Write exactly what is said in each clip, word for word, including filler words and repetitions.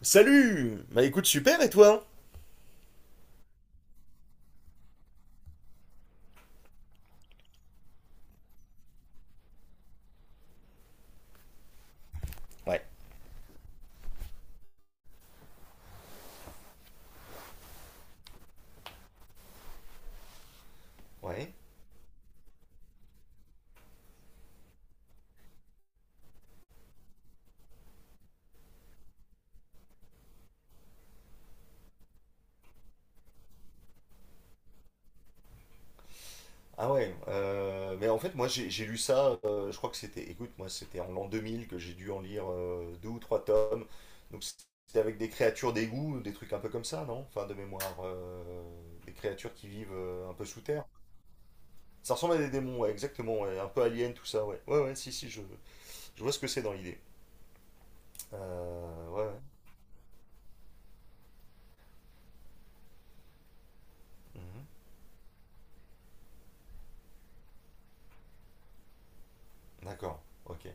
Salut, bah écoute, super, et toi? Ouais. Ouais. Ah ouais. euh, mais en fait, moi, j'ai j'ai lu ça, euh, je crois que c'était, écoute, moi, c'était en l'an deux mille que j'ai dû en lire euh, deux ou trois tomes. Donc, c'était avec des créatures d'égout, des trucs un peu comme ça, non? Enfin, de mémoire. euh, des créatures qui vivent euh, un peu sous terre. Ça ressemble à des démons, ouais, exactement. Ouais, un peu alien, tout ça, ouais. Ouais, ouais, si, si, je, je vois ce que c'est dans l'idée. Euh, ouais, ouais. Mhm. D'accord. Ok.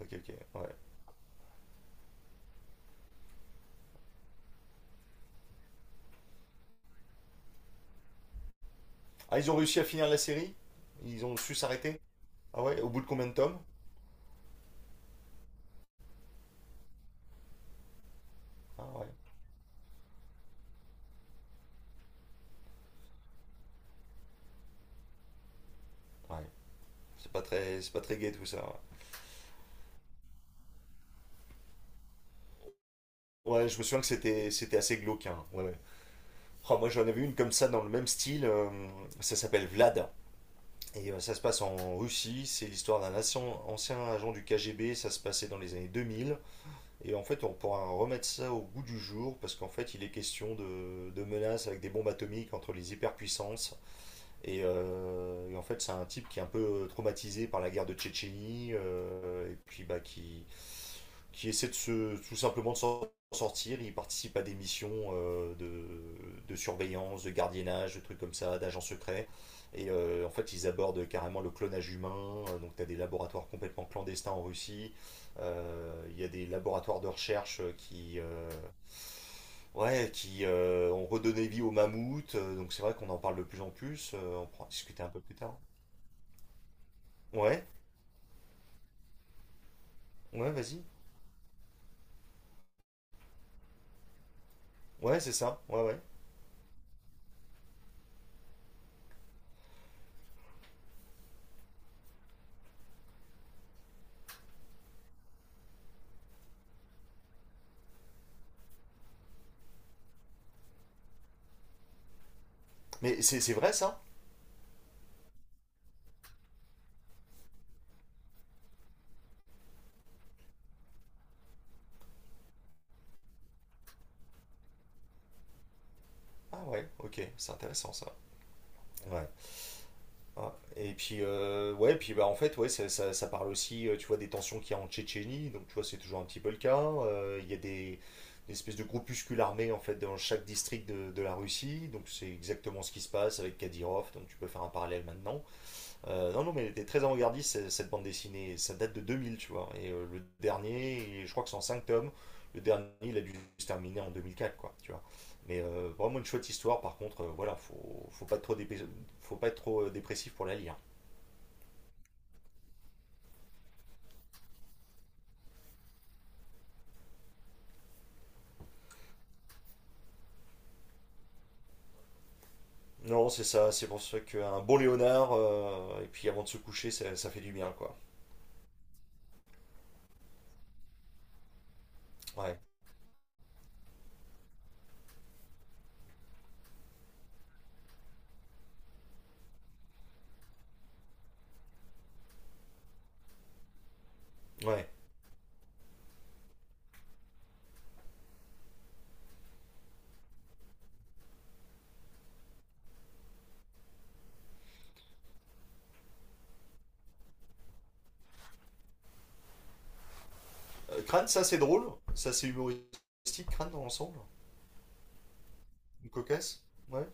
Ok, ok. Ouais. Ah, ils ont réussi à finir la série? Ils ont su s'arrêter? Ah ouais, au bout de combien de tomes? Ah ouais, ouais. C'est pas très, c'est pas très gai tout ça. Ouais, ouais, je me souviens que c'était, c'était assez glauque, hein. Ouais, ouais. Oh, moi j'en avais une comme ça dans le même style. euh, ça s'appelle Vlad. Et euh, ça se passe en Russie. C'est l'histoire d'un ancien, ancien agent du K G B. Ça se passait dans les années deux mille. Et en fait, on pourra remettre ça au goût du jour parce qu'en fait, il est question de, de menaces avec des bombes atomiques entre les hyperpuissances. Et, euh, et en fait, c'est un type qui est un peu euh, traumatisé par la guerre de Tchétchénie, euh, et puis bah, qui, qui essaie de se, tout simplement de s'en sortir. Il participe à des missions euh, de, de surveillance, de gardiennage, de trucs comme ça, d'agents secrets. Et euh, en fait, ils abordent carrément le clonage humain. Euh, Donc, tu as des laboratoires complètement clandestins en Russie. Euh, Il y a des laboratoires de recherche qui, euh, ouais, qui euh, ont redonné vie aux mammouths. Euh, Donc, c'est vrai qu'on en parle de plus en plus. Euh, on pourra en discuter un peu plus tard. Ouais, ouais, vas-y. Ouais, c'est ça. Ouais, ouais. Mais c'est c'est vrai ça? Ah ouais, ok, c'est intéressant ça. Ouais. Ah, et puis, euh, ouais, puis bah, en fait, ouais, ça, ça- ça parle aussi, euh, tu vois, des tensions qu'il y a en Tchétchénie, donc tu vois, c'est toujours un petit peu le cas. Euh, Il y a des, des espèces de groupuscules armés, en fait, dans chaque district de, de la Russie, donc c'est exactement ce qui se passe avec Kadyrov, donc tu peux faire un parallèle maintenant. Euh, non, non, mais elle était très avant-gardiste, cette, cette bande dessinée. Ça date de deux mille, tu vois. Et euh, le dernier, je crois que c'est en cinq tomes. Le dernier, il a dû se terminer en deux mille quatre, quoi, tu vois. Mais euh, vraiment une chouette histoire, par contre, euh, voilà, faut, faut pas être trop, dépé- faut pas être trop euh, dépressif pour la lire. Non, c'est ça, c'est pour ça qu'un bon Léonard, euh, et puis avant de se coucher, ça, ça fait du bien, quoi. Ouais, ouais. Euh, Crâne, ça c'est drôle, ça c'est humoristique, Crâne dans l'ensemble, une cocasse, ouais.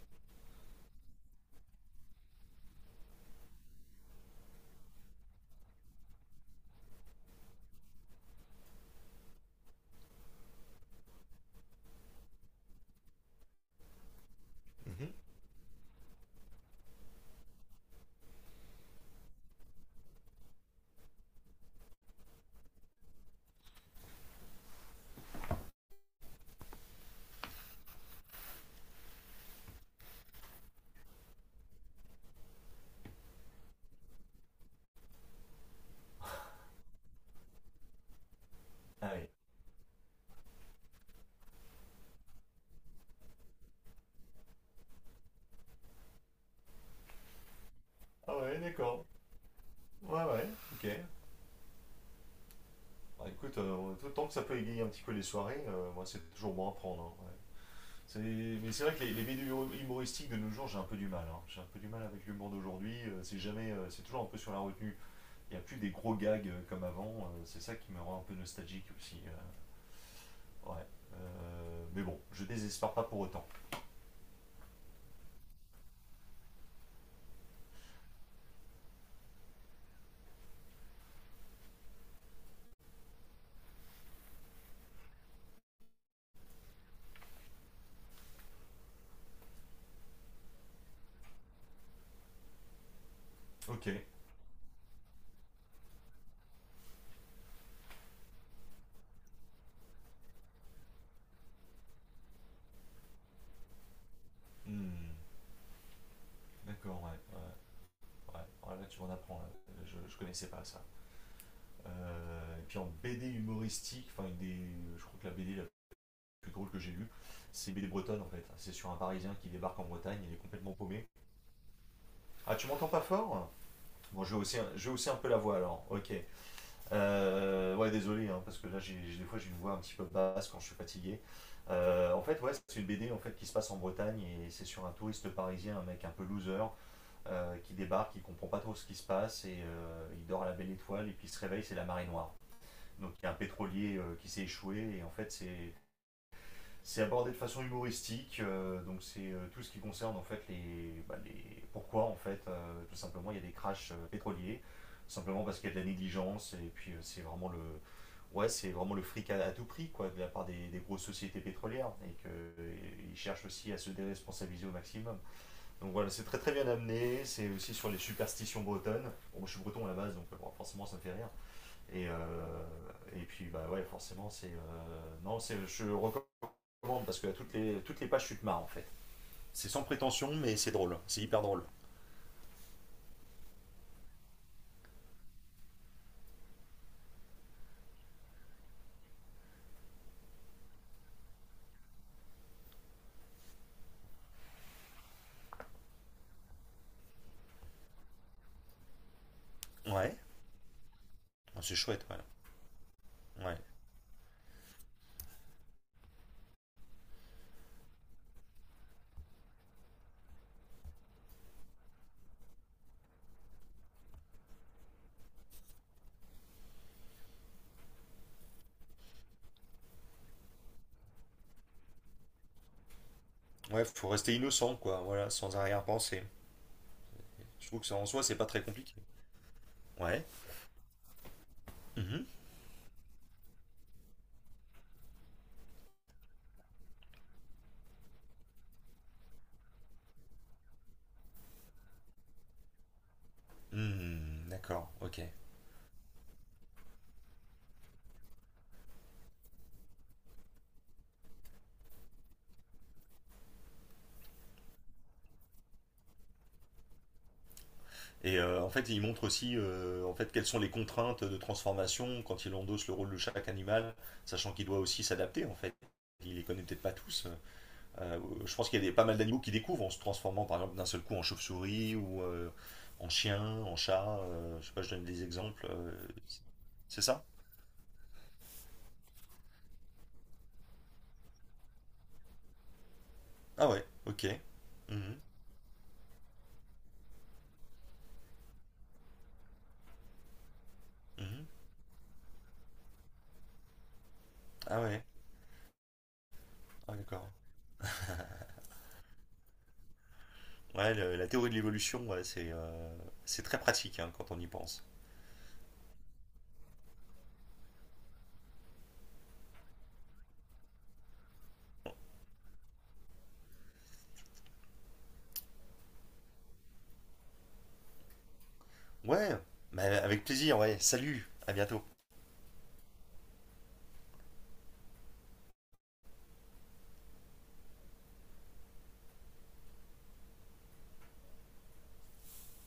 Mhm. Ah oui. Ah ouais, d'accord. Ouais, ouais, ok. Bah, écoute, euh, tout- tant que ça peut égayer un petit peu les soirées, euh, moi c'est toujours bon à prendre, hein, ouais. C'est- Mais c'est vrai que les, les vidéos humoristiques de nos jours, j'ai un peu du mal, hein. J'ai un peu du mal avec l'humour d'aujourd'hui. euh, c'est jamais, euh, c'est toujours un peu sur la retenue. Il n'y a plus des gros gags euh, comme avant. euh, c'est ça qui me rend un peu nostalgique aussi, euh, ouais. Euh, mais bon, je désespère pas pour autant. Ok. Hmm. D'accord, ouais. Ouais, ouais. Ouais, là, tu m'en apprends là. Je, je connaissais pas ça. Euh, et puis en B D humoristique, enfin, des, je crois que la B D plus drôle que j'ai lu. C'est B D bretonne en fait. C'est sur un Parisien qui débarque en Bretagne, il est complètement paumé. Ah, tu m'entends pas fort? Bon, je vais aussi, je vais aussi un peu la voix alors. Ok. Euh, ouais, désolé, hein, parce que là, j'ai, des fois, j'ai une voix un petit peu basse quand je suis fatigué. Euh, en fait, ouais, c'est une B D en fait qui se passe en Bretagne et c'est sur un touriste parisien, un mec un peu loser, euh, qui débarque, qui comprend pas trop ce qui se passe et euh, il dort à la belle étoile et puis il se réveille, c'est la marée noire. Donc il y a un pétrolier euh, qui s'est échoué et en fait c'est C'est abordé de façon humoristique, euh, donc c'est euh, tout ce qui concerne en fait les, bah, les pourquoi en fait euh, tout simplement il y a des crashs euh, pétroliers, simplement parce qu'il y a de la négligence et puis euh, c'est vraiment le ouais, c'est vraiment le fric à, à tout prix quoi de la part des, des grosses sociétés pétrolières et qu'ils cherchent aussi à se déresponsabiliser au maximum. Donc voilà c'est très très bien amené, c'est aussi sur les superstitions bretonnes. Bon, moi, je suis breton à la base donc euh, bon, forcément ça me fait rire et euh, et puis bah ouais forcément c'est euh, non c'est je recommande recommande parce que toutes les, toutes les pages, tu te marres en fait. C'est sans prétention, mais c'est drôle. C'est hyper drôle. Ouais. Oh, C'est chouette, ouais. Ouais. Ouais, faut rester innocent, quoi. Voilà, sans arrière-pensée. Je trouve que ça, en soi, c'est pas très compliqué. Ouais. Mhm. Hmm, d'accord, ok. Et euh, en fait, il montre aussi euh, en fait, quelles sont les contraintes de transformation quand il endosse le rôle de chaque animal, sachant qu'il doit aussi s'adapter, en fait. Il les connaît peut-être pas tous. euh, Euh, je pense qu'il y a des, pas mal d'animaux qui découvrent en se transformant par exemple d'un seul coup en chauve-souris ou euh, en chien, en chat. Euh, je sais pas, je donne des exemples. euh, c'est ça? Ah ouais, ok. Mhm, mhm. Ah ouais, ah d'accord. Ouais, le- la théorie de l'évolution, ouais, c'est euh, c'est très pratique, hein, quand on y pense. Ouais, mais avec plaisir, ouais. Salut, à bientôt.